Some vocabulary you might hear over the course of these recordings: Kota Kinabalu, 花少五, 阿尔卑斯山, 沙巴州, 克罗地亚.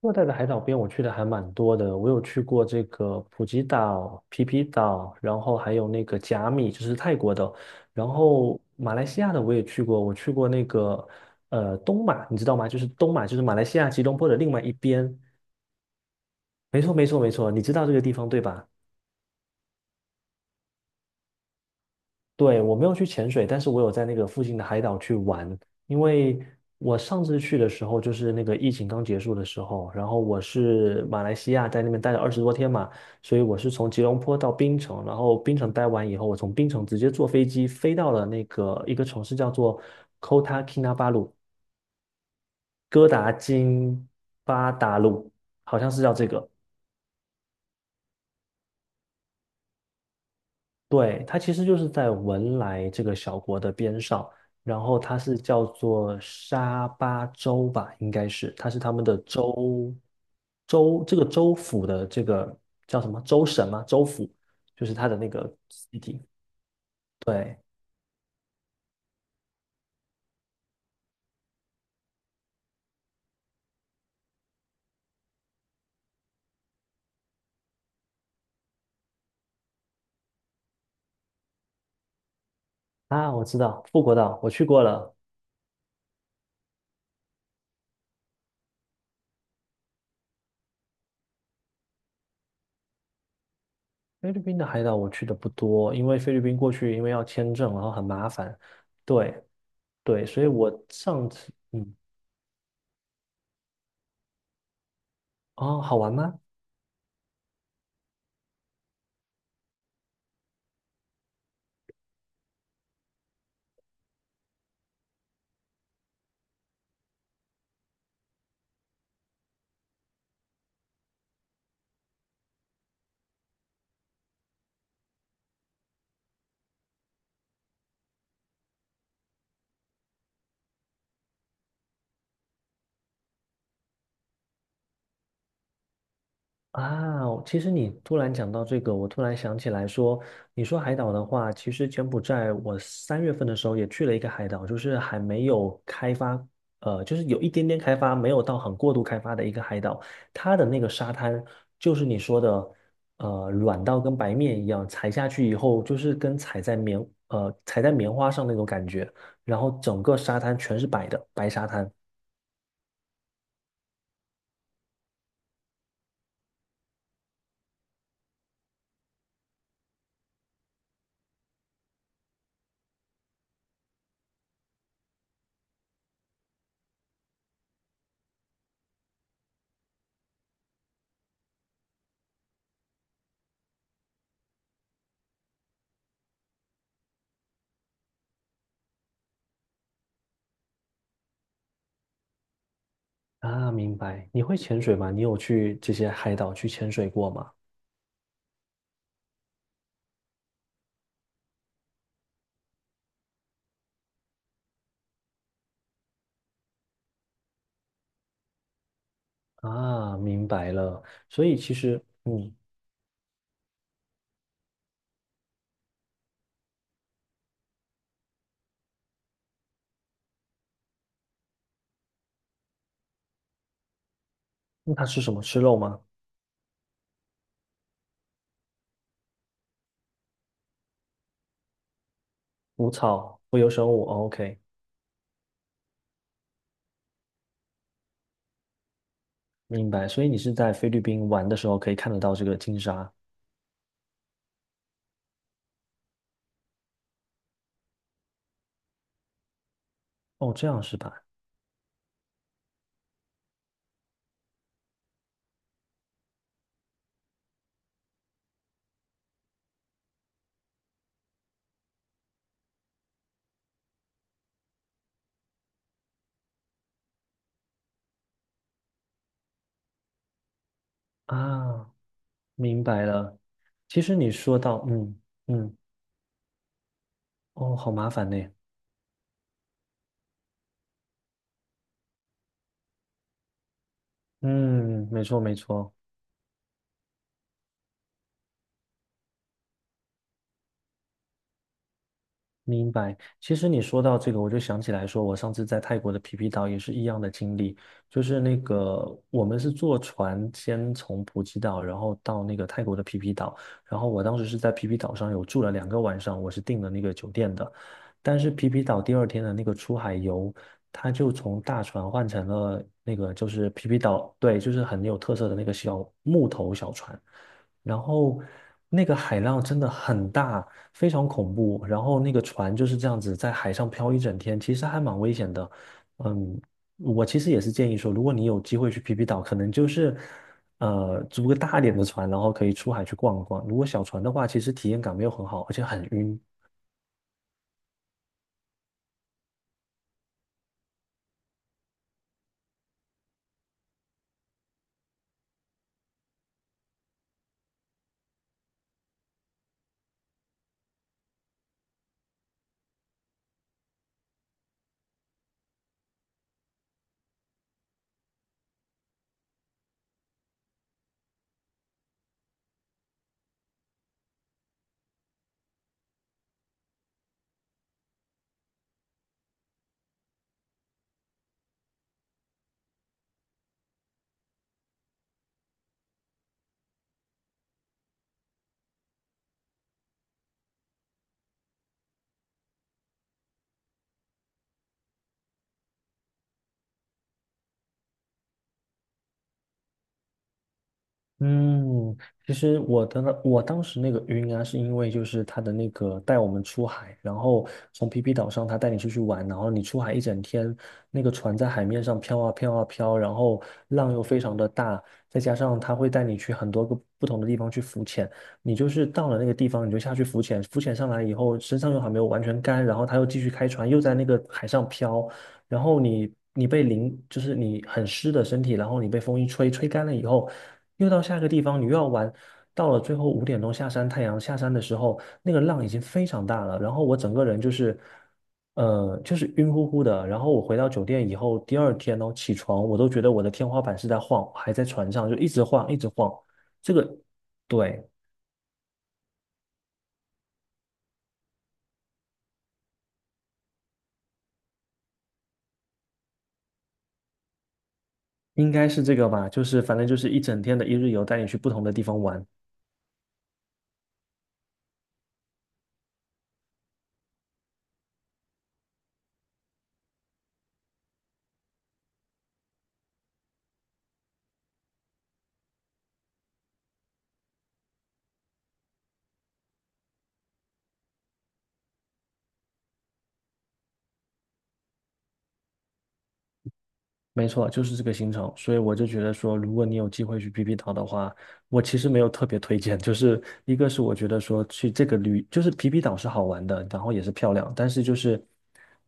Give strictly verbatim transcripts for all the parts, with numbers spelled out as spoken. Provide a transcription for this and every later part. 热带的海岛边我去的还蛮多的，我有去过这个普吉岛、皮皮岛，然后还有那个甲米，就是泰国的，然后马来西亚的我也去过，我去过那个呃东马，你知道吗？就是东马，就是马来西亚吉隆坡的另外一边。没错，没错，没错，你知道这个地方对吧？对，我没有去潜水，但是我有在那个附近的海岛去玩。因为我上次去的时候，就是那个疫情刚结束的时候，然后我是马来西亚在那边待了二十多天嘛，所以我是从吉隆坡到槟城，然后槟城待完以后，我从槟城直接坐飞机飞到了那个一个城市叫做 Kota Kinabalu，哥达金巴达鲁，好像是叫这个。对，它其实就是在文莱这个小国的边上，然后它是叫做沙巴州吧，应该是，它是他们的州州这个州府的这个叫什么州省吗？州府就是它的那个 city。对啊，我知道富国岛，我去过了。菲律宾的海岛我去的不多，因为菲律宾过去因为要签证，然后很麻烦。对对，所以我上次嗯哦，好玩吗？啊，其实你突然讲到这个，我突然想起来说，你说海岛的话，其实柬埔寨我三月份的时候也去了一个海岛，就是还没有开发，呃，就是有一点点开发，没有到很过度开发的一个海岛，它的那个沙滩就是你说的，呃，软到跟白面一样，踩下去以后就是跟踩在棉，呃，踩在棉花上那种感觉，然后整个沙滩全是白的，白沙滩。啊，明白。你会潜水吗？你有去这些海岛去潜水过吗？啊，明白了。所以其实，嗯，那它吃什么？吃肉吗？无草，无有生物。哦 OK，明白。所以你是在菲律宾玩的时候可以看得到这个金沙。哦，这样是吧？啊，明白了。其实你说到，嗯嗯，哦，好麻烦呢。嗯，没错没错。明白。其实你说到这个，我就想起来说，我上次在泰国的皮皮岛也是一样的经历，就是那个我们是坐船先从普吉岛，然后到那个泰国的皮皮岛，然后我当时是在皮皮岛上有住了两个晚上，我是订了那个酒店的，但是皮皮岛第二天的那个出海游，它就从大船换成了那个就是皮皮岛，对，就是很有特色的那个小木头小船。然后那个海浪真的很大，非常恐怖。然后那个船就是这样子在海上漂一整天，其实还蛮危险的。嗯，我其实也是建议说，如果你有机会去皮皮岛，可能就是呃租个大一点的船，然后可以出海去逛一逛。如果小船的话，其实体验感没有很好，而且很晕。嗯，其实我的那我当时那个晕啊，是因为就是他的那个带我们出海，然后从皮皮岛上他带你出去玩，然后你出海一整天，那个船在海面上飘啊飘啊飘，然后浪又非常的大，再加上他会带你去很多个不同的地方去浮潜，你就是到了那个地方你就下去浮潜，浮潜上来以后身上又还没有完全干，然后他又继续开船，又在那个海上飘，然后你你被淋，就是你很湿的身体，然后你被风一吹，吹干了以后，又到下一个地方，你又要玩。到了最后五点钟下山，太阳下山的时候，那个浪已经非常大了，然后我整个人就是，呃，就是晕乎乎的。然后我回到酒店以后，第二天呢起床，我都觉得我的天花板是在晃，还在船上就一直晃，一直晃。这个对，应该是这个吧，就是反正就是一整天的一日游，带你去不同的地方玩。没错，就是这个行程，所以我就觉得说，如果你有机会去皮皮岛的话，我其实没有特别推荐，就是一个是我觉得说去这个旅，就是皮皮岛是好玩的，然后也是漂亮，但是就是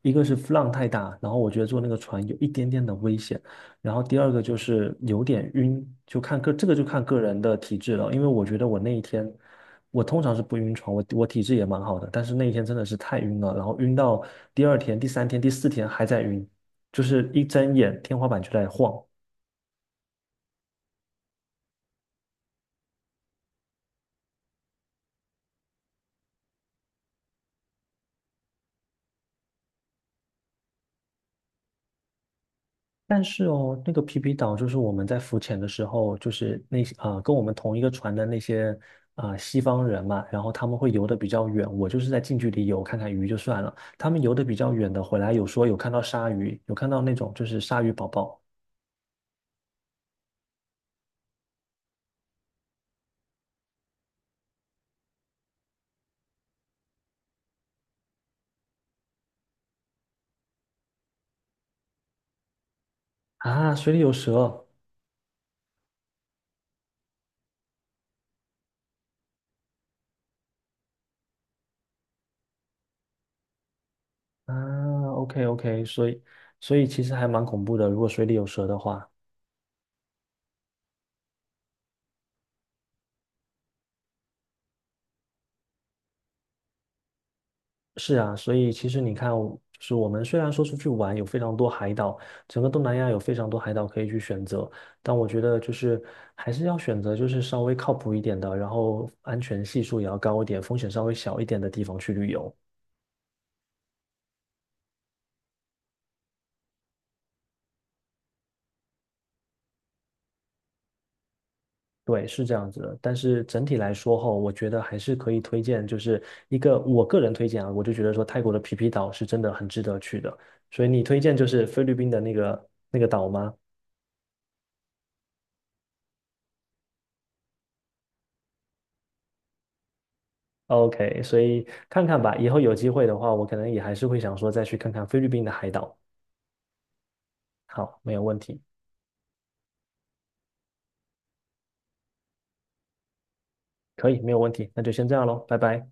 一个是浪太大，然后我觉得坐那个船有一点点的危险，然后第二个就是有点晕，就看个这个就看个人的体质了，因为我觉得我那一天我通常是不晕船，我我体质也蛮好的，但是那一天真的是太晕了，然后晕到第二天、第三天、第四天还在晕。就是一睁眼天花板就在晃。但是哦，那个皮皮岛就是我们在浮潜的时候，就是那些呃跟我们同一个船的那些啊西方人嘛，然后他们会游得比较远，我就是在近距离游看看鱼就算了。他们游得比较远的回来，有说有看到鲨鱼，有看到那种就是鲨鱼宝宝啊，水里有蛇啊，OK OK，所以所以其实还蛮恐怖的，如果水里有蛇的话。是啊，所以其实你看，就是我们虽然说出去玩有非常多海岛，整个东南亚有非常多海岛可以去选择，但我觉得就是还是要选择就是稍微靠谱一点的，然后安全系数也要高一点，风险稍微小一点的地方去旅游。对，是这样子的。但是整体来说后，我觉得还是可以推荐，就是一个我个人推荐啊，我就觉得说泰国的皮皮岛是真的很值得去的。所以你推荐就是菲律宾的那个那个岛吗？OK，所以看看吧，以后有机会的话，我可能也还是会想说再去看看菲律宾的海岛。好，没有问题，可以，没有问题，那就先这样喽，拜拜。